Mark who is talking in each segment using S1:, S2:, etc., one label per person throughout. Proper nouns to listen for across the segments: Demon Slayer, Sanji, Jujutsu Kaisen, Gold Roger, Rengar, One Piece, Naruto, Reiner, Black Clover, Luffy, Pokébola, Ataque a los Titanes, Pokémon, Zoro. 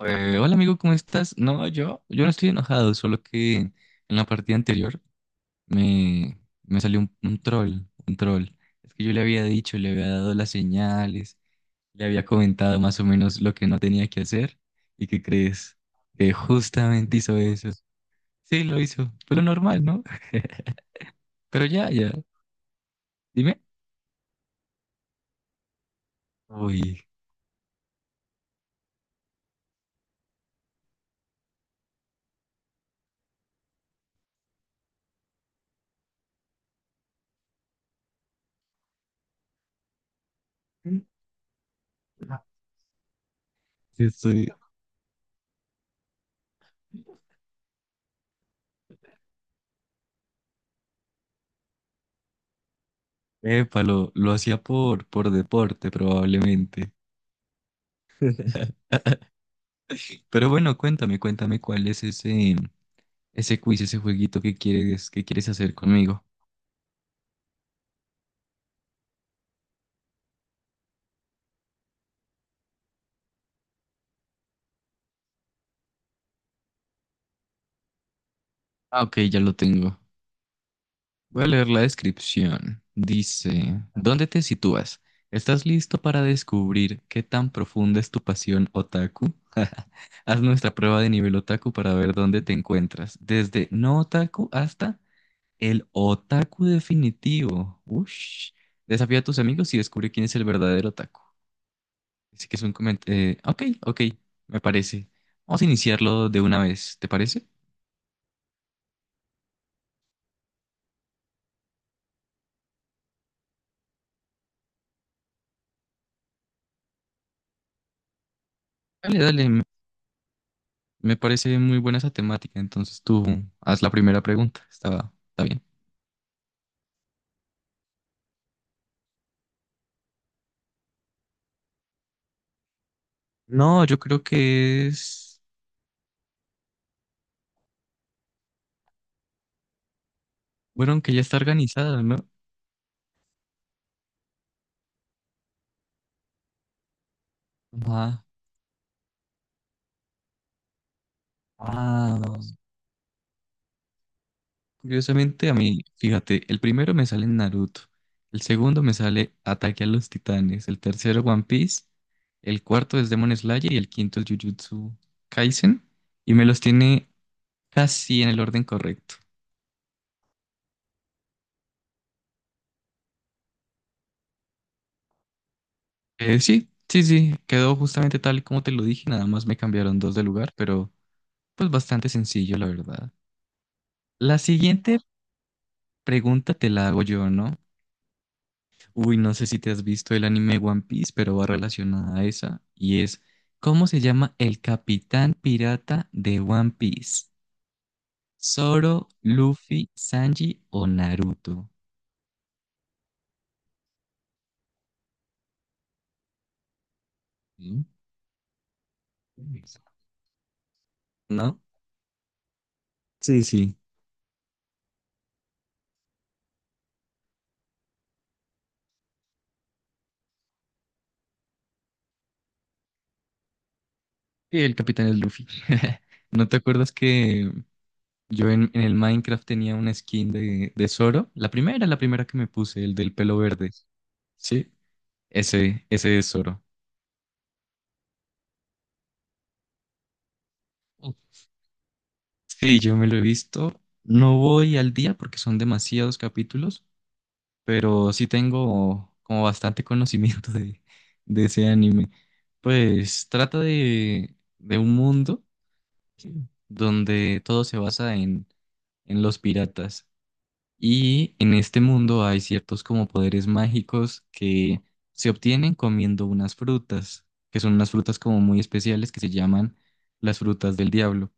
S1: Hola amigo, ¿cómo estás? No, yo no estoy enojado, solo que en la partida anterior me, me salió un troll, un troll. Es que yo le había dicho, le había dado las señales, le había comentado más o menos lo que no tenía que hacer. ¿Y qué crees? Que justamente hizo eso. Sí, lo hizo, pero normal, ¿no? Pero ya, ya, dime. Uy, estoy... Epa, lo hacía por deporte probablemente. Pero bueno, cuéntame, cuéntame cuál es ese quiz, ese jueguito que quieres hacer conmigo. Ah, ok, ya lo tengo. Voy a leer la descripción. Dice, ¿dónde te sitúas? ¿Estás listo para descubrir qué tan profunda es tu pasión otaku? Haz nuestra prueba de nivel otaku para ver dónde te encuentras, desde no otaku hasta el otaku definitivo. Ush. Desafía a tus amigos y descubre quién es el verdadero otaku. Así que es un comentario. Ok, ok, me parece. Vamos a iniciarlo de una vez, ¿te parece? Dale, dale, me parece muy buena esa temática. Entonces tú haz la primera pregunta. Está, está bien. No, yo creo que es. Bueno, aunque ya está organizada, ¿no? Ah, ah, curiosamente a mí, fíjate, el primero me sale Naruto. El segundo me sale Ataque a los Titanes. El tercero, One Piece. El cuarto es Demon Slayer y el quinto es Jujutsu Kaisen. Y me los tiene casi en el orden correcto. Sí, sí, sí, quedó justamente tal y como te lo dije, nada más me cambiaron dos de lugar, pero pues bastante sencillo, la verdad. La siguiente pregunta te la hago yo, ¿no? Uy, no sé si te has visto el anime One Piece, pero va relacionada a esa, y es, ¿cómo se llama el capitán pirata de One Piece? ¿Zoro, Luffy, Sanji o Naruto? ¿Mm? ¿No? Sí, sí. Sí, el capitán es Luffy. ¿No te acuerdas que yo en el Minecraft tenía una skin de Zoro, la primera que me puse, el del pelo verde? Sí, ese es Zoro. Ok. Sí, yo me lo he visto. No voy al día porque son demasiados capítulos, pero sí tengo como bastante conocimiento de ese anime. Pues trata de un mundo donde todo se basa en los piratas. Y en este mundo hay ciertos como poderes mágicos que se obtienen comiendo unas frutas, que son unas frutas como muy especiales que se llaman las frutas del diablo.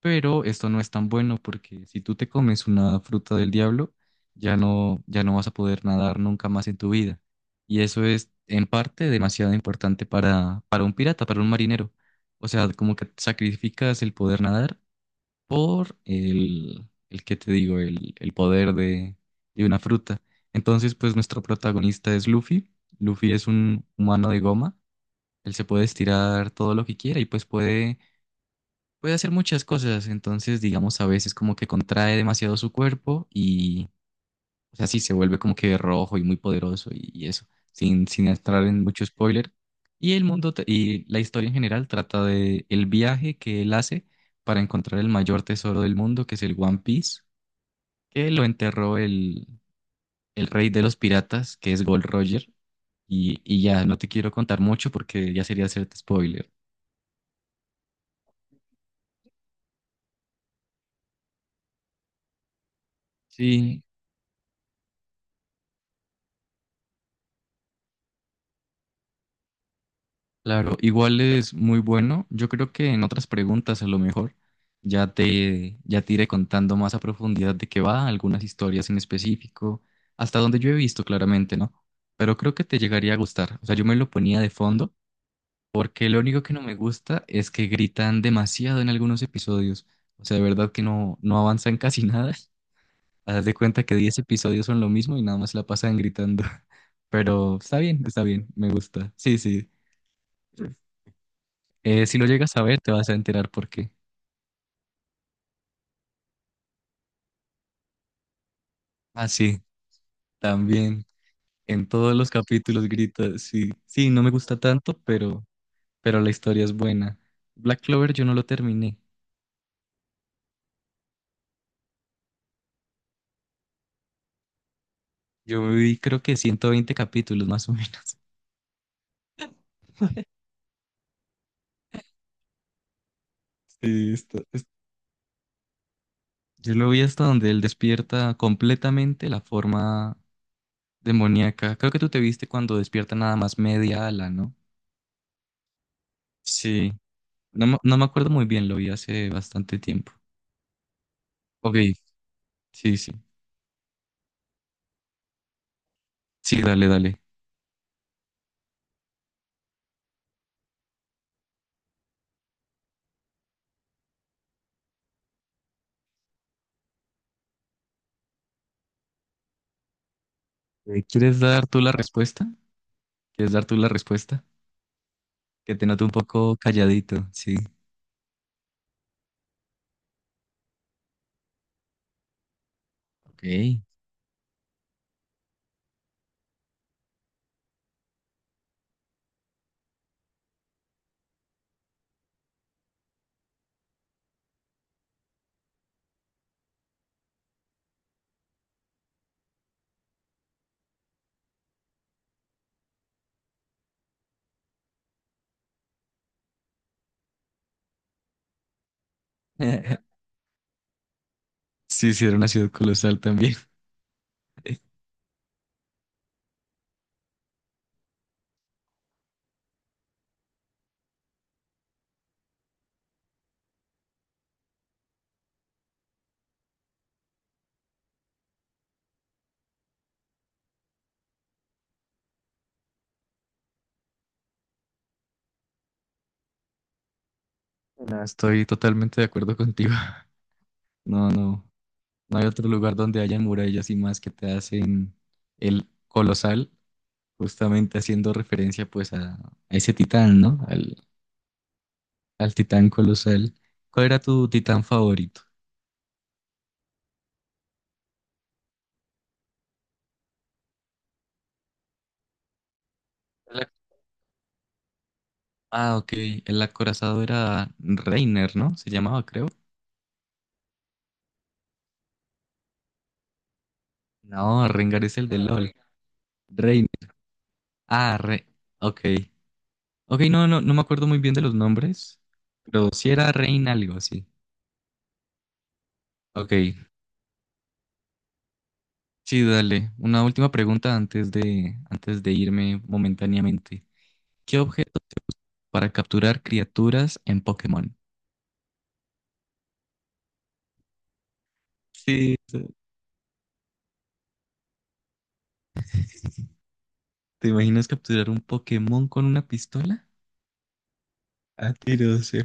S1: Pero esto no es tan bueno porque si tú te comes una fruta del diablo, ya no, ya no vas a poder nadar nunca más en tu vida. Y eso es en parte demasiado importante para un pirata, para un marinero. O sea, como que sacrificas el poder nadar por el que te digo, el poder de una fruta. Entonces, pues nuestro protagonista es Luffy. Luffy es un humano de goma. Él se puede estirar todo lo que quiera y pues puede, puede hacer muchas cosas. Entonces, digamos, a veces como que contrae demasiado su cuerpo y, o sea, sí, se vuelve como que rojo y muy poderoso y eso, sin, sin entrar en mucho spoiler. Y y la historia en general trata de el viaje que él hace para encontrar el mayor tesoro del mundo, que es el One Piece, que lo enterró el rey de los piratas, que es Gold Roger. Y ya, no te quiero contar mucho porque ya sería hacerte spoiler. Sí, claro, igual es muy bueno. Yo creo que en otras preguntas a lo mejor ya te iré contando más a profundidad de qué va, algunas historias en específico, hasta donde yo he visto claramente, ¿no? Pero creo que te llegaría a gustar. O sea, yo me lo ponía de fondo porque lo único que no me gusta es que gritan demasiado en algunos episodios. O sea, de verdad que no, no avanzan casi nada. Haz de cuenta que 10 episodios son lo mismo y nada más la pasan gritando. Pero está bien, me gusta. Sí, sí. Si lo llegas a ver, te vas a enterar por qué. Ah, sí, también. En todos los capítulos grita, sí, sí, no me gusta tanto, pero la historia es buena. Black Clover yo no lo terminé. Yo me vi creo que 120 capítulos más o menos. Sí, está- es- yo lo vi hasta donde él despierta completamente la forma demoníaca. Creo que tú te viste cuando despierta nada más media ala, ¿no? Sí, no me acuerdo muy bien, lo vi hace bastante tiempo. Ok, sí, sí. Sí, dale, dale. ¿Quieres dar tú la respuesta? ¿Quieres dar tú la respuesta? Que te noto un poco calladito, sí. Ok. Sí, sí, era una ciudad colosal también. No, estoy totalmente de acuerdo contigo. No, no. No hay otro lugar donde hayan murallas y más que te hacen el colosal, justamente haciendo referencia pues a ese titán, ¿no? Al, al titán colosal. ¿Cuál era tu titán favorito? El ac- ah, ok. El acorazado era Reiner, ¿no? Se llamaba, creo. No, Rengar es el de LOL. Rein. Ah, Re. Ok. Ok, no, no, no me acuerdo muy bien de los nombres. Pero si era Rein algo, sí. Ok. Sí, dale. Una última pregunta antes de irme momentáneamente. ¿Qué objeto se usa para capturar criaturas en Pokémon? Sí, ¿te imaginas capturar un Pokémon con una pistola? A tiros, sí.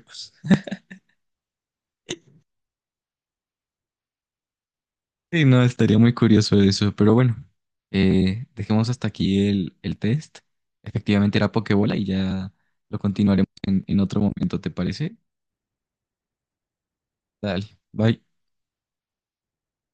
S1: Sí, no, estaría muy curioso eso, pero bueno, dejemos hasta aquí el test. Efectivamente era Pokébola y ya lo continuaremos en otro momento, ¿te parece? Dale, bye.